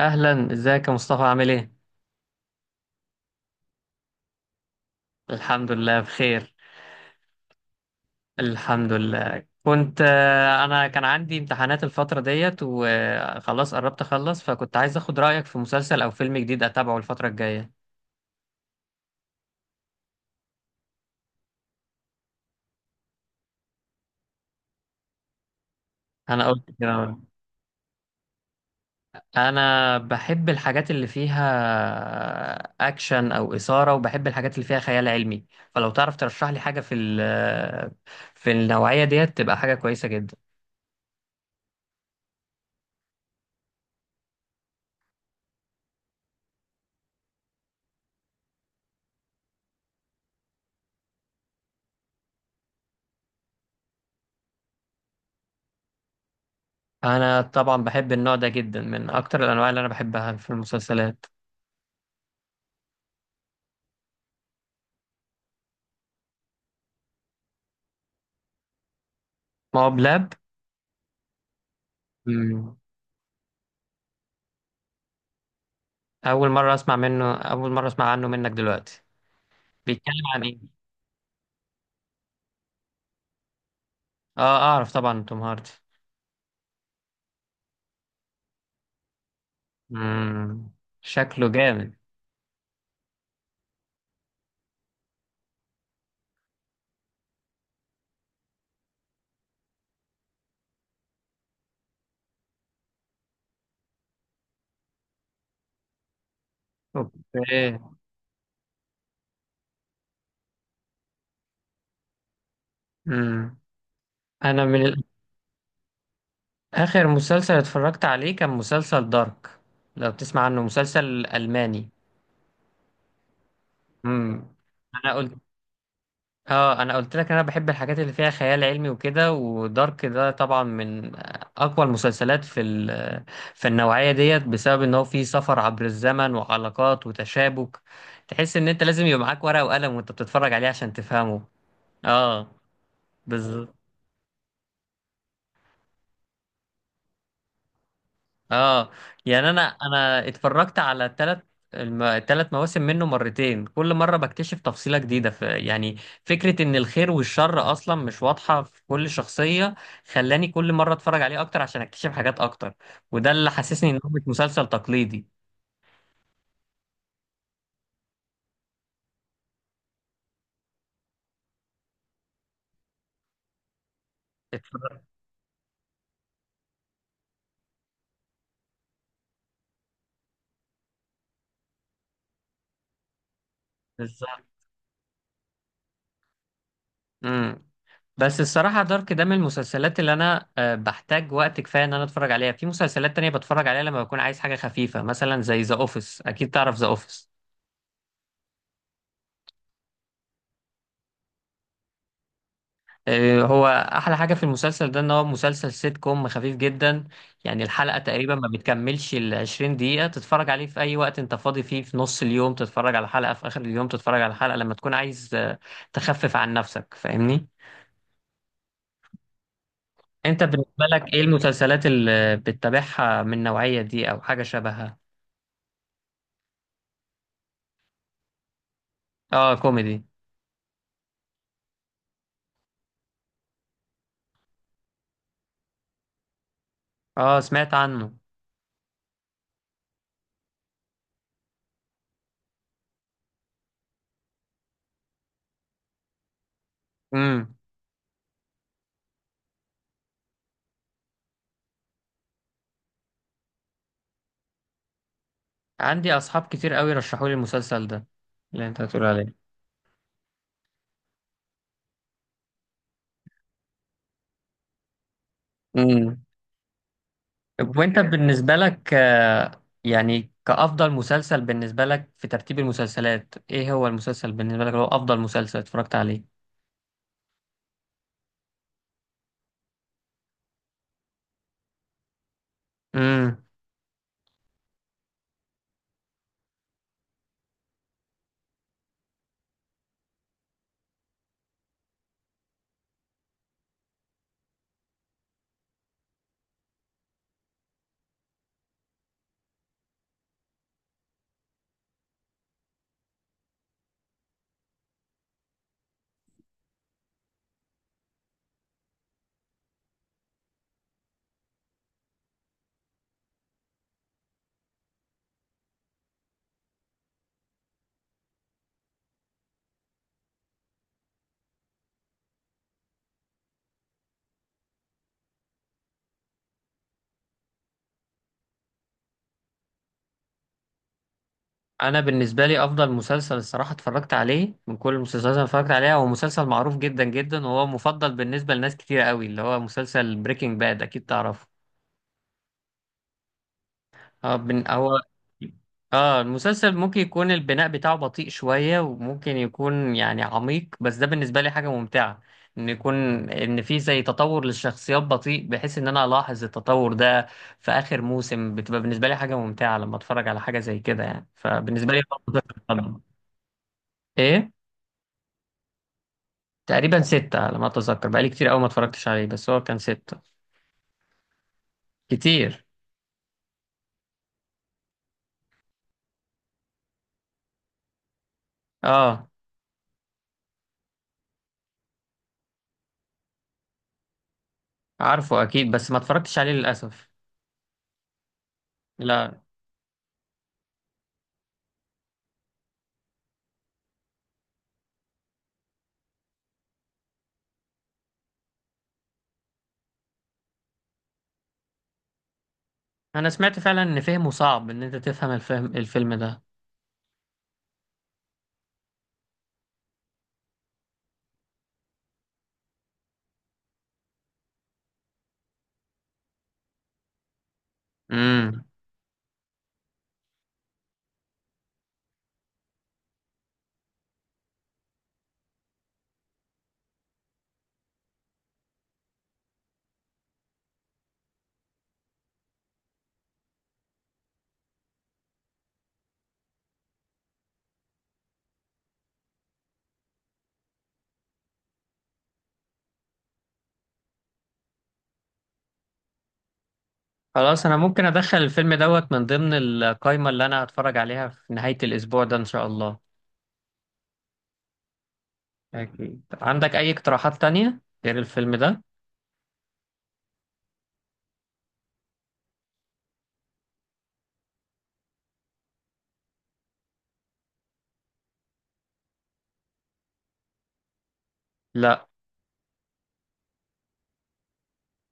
اهلا، ازيك يا مصطفى؟ عامل ايه؟ الحمد لله بخير. الحمد لله كنت انا كان عندي امتحانات الفتره ديت وخلاص قربت اخلص، فكنت عايز اخد رايك في مسلسل او فيلم جديد اتابعه الفتره الجايه. انا قلت كده، انا بحب الحاجات اللي فيها اكشن او اثاره، وبحب الحاجات اللي فيها خيال علمي. فلو تعرف ترشح لي حاجه في النوعيه ديت تبقى حاجه كويسه جدا. انا طبعا بحب النوع ده جدا، من اكتر الانواع اللي انا بحبها في المسلسلات. ما هو بلاب. مم. اول مره اسمع منه، اول مره اسمع عنه منك دلوقتي. بيتكلم عن ايه؟ اه اعرف طبعا توم هاردي. امم، شكله جامد. اوكي. امم، انا من ال- اخر مسلسل اتفرجت عليه كان مسلسل دارك، لو بتسمع عنه، مسلسل الماني. امم. انا قلت، اه، انا قلت لك، انا بحب الحاجات اللي فيها خيال علمي وكده، ودارك ده طبعا من اقوى المسلسلات في النوعيه ديت، بسبب ان هو فيه سفر عبر الزمن وعلاقات وتشابك. تحس ان انت لازم يبقى معاك ورقه وقلم وانت بتتفرج عليه عشان تفهمه. اه. بالظبط. اه، يعني انا اتفرجت على التلات مواسم منه مرتين، كل مرة بكتشف تفصيلة جديدة في، يعني، فكرة ان الخير والشر اصلا مش واضحة في كل شخصية. خلاني كل مرة اتفرج عليه اكتر عشان اكتشف حاجات اكتر، وده اللي حسسني انه مش مسلسل تقليدي. اتفرجت. بالظبط. امم. بس الصراحة دارك ده من المسلسلات اللي أنا بحتاج وقت كفاية إن أنا أتفرج عليها. في مسلسلات تانية بتفرج عليها لما بكون عايز حاجة خفيفة، مثلا زي ذا أوفيس، أكيد تعرف ذا أوفيس. آه، هو احلى حاجه في المسلسل ده ان هو مسلسل سيت كوم خفيف جدا. يعني الحلقه تقريبا ما بتكملش ال 20 دقيقه، تتفرج عليه في اي وقت انت فاضي فيه، في نص اليوم تتفرج على حلقه، في اخر اليوم تتفرج على حلقه لما تكون عايز تخفف عن نفسك، فاهمني؟ انت بالنسبه لك ايه المسلسلات اللي بتتابعها من النوعيه دي او حاجه شبهها؟ اه كوميدي. اه سمعت عنه. امم، عندي اصحاب كتير قوي رشحوا لي المسلسل ده، اللي انت هتقول عليه. مم. طب وانت بالنسبة لك، يعني كأفضل مسلسل بالنسبة لك في ترتيب المسلسلات، ايه هو المسلسل بالنسبة لك اللي هو أفضل مسلسل اتفرجت عليه؟ امم، انا بالنسبة لي أفضل مسلسل الصراحة اتفرجت عليه من كل المسلسلات اللي أنا اتفرجت عليها هو مسلسل معروف جدا جدا، وهو مفضل بالنسبة لناس كتير قوي، اللي هو مسلسل بريكنج باد، اكيد تعرفه. اه هو، اه المسلسل ممكن يكون البناء بتاعه بطيء شوية، وممكن يكون يعني عميق، بس ده بالنسبة لي حاجة ممتعة. ان يكون، ان في زي تطور للشخصيات بطيء، بحيث ان انا الاحظ التطور ده في اخر موسم، بتبقى بالنسبة لي حاجة ممتعة لما اتفرج على حاجة زي كده، يعني فبالنسبة لي برضه ده تقدم. ايه؟ تقريبا ستة على ما اتذكر، بقالي كتير قوي ما اتفرجتش عليه، بس هو كان ستة. كتير. اه عارفه اكيد، بس ما اتفرجتش عليه للاسف. لا. انا سمعت فعلا ان فهمه صعب، ان انت تفهم الفيلم ده. امم. خلاص، انا ممكن ادخل الفيلم دوت من ضمن القائمة اللي انا هتفرج عليها في نهاية الاسبوع ده ان شاء الله. اكيد. عندك اي اقتراحات تانية غير الفيلم ده؟ لا،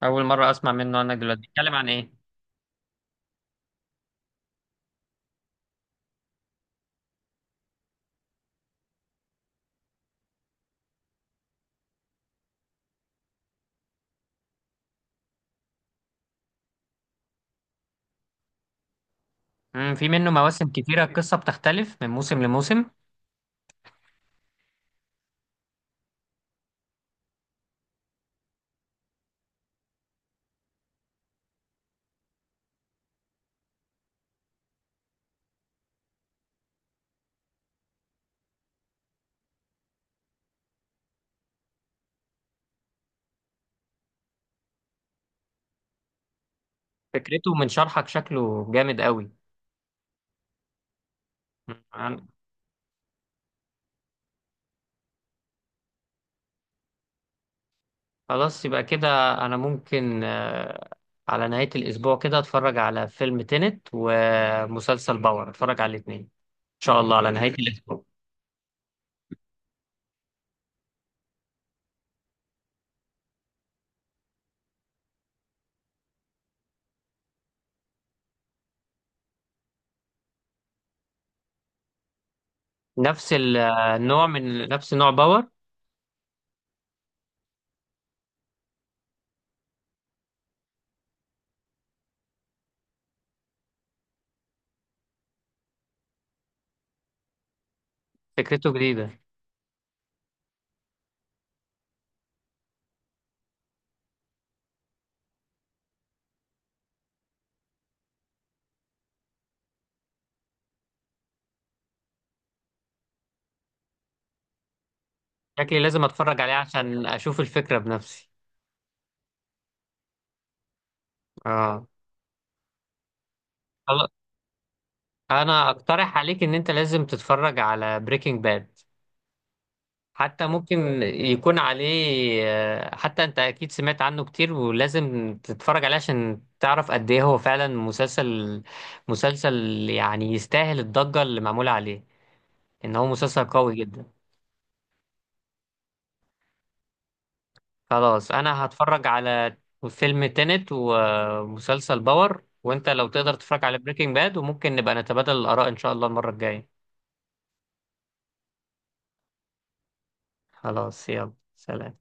اول مرة اسمع منه انا دلوقتي. بيتكلم عن ايه؟ امم، في منه مواسم كتيرة؟ القصة بتختلف من موسم لموسم؟ فكرته من شرحك شكله جامد قوي. خلاص، يبقى كده انا ممكن على نهاية الاسبوع كده اتفرج على فيلم تينت ومسلسل باور، اتفرج على الاتنين ان شاء الله على نهاية الاسبوع. النوع، من نفس نوع باور؟ فكرته جديدة. شكلي لازم اتفرج عليه عشان اشوف الفكرة بنفسي. اه. خلاص، انا اقترح عليك ان انت لازم تتفرج على بريكنج باد. حتى ممكن يكون عليه، حتى انت اكيد سمعت عنه كتير، ولازم تتفرج عليه عشان تعرف قد ايه هو فعلا مسلسل، يعني يستاهل الضجة اللي معمولة عليه، ان هو مسلسل قوي جدا. خلاص، انا هتفرج على فيلم تينت ومسلسل باور، وانت لو تقدر تتفرج على بريكنج باد، وممكن نبقى نتبادل الاراء ان شاء الله المرة الجاية. خلاص، يلا سلام.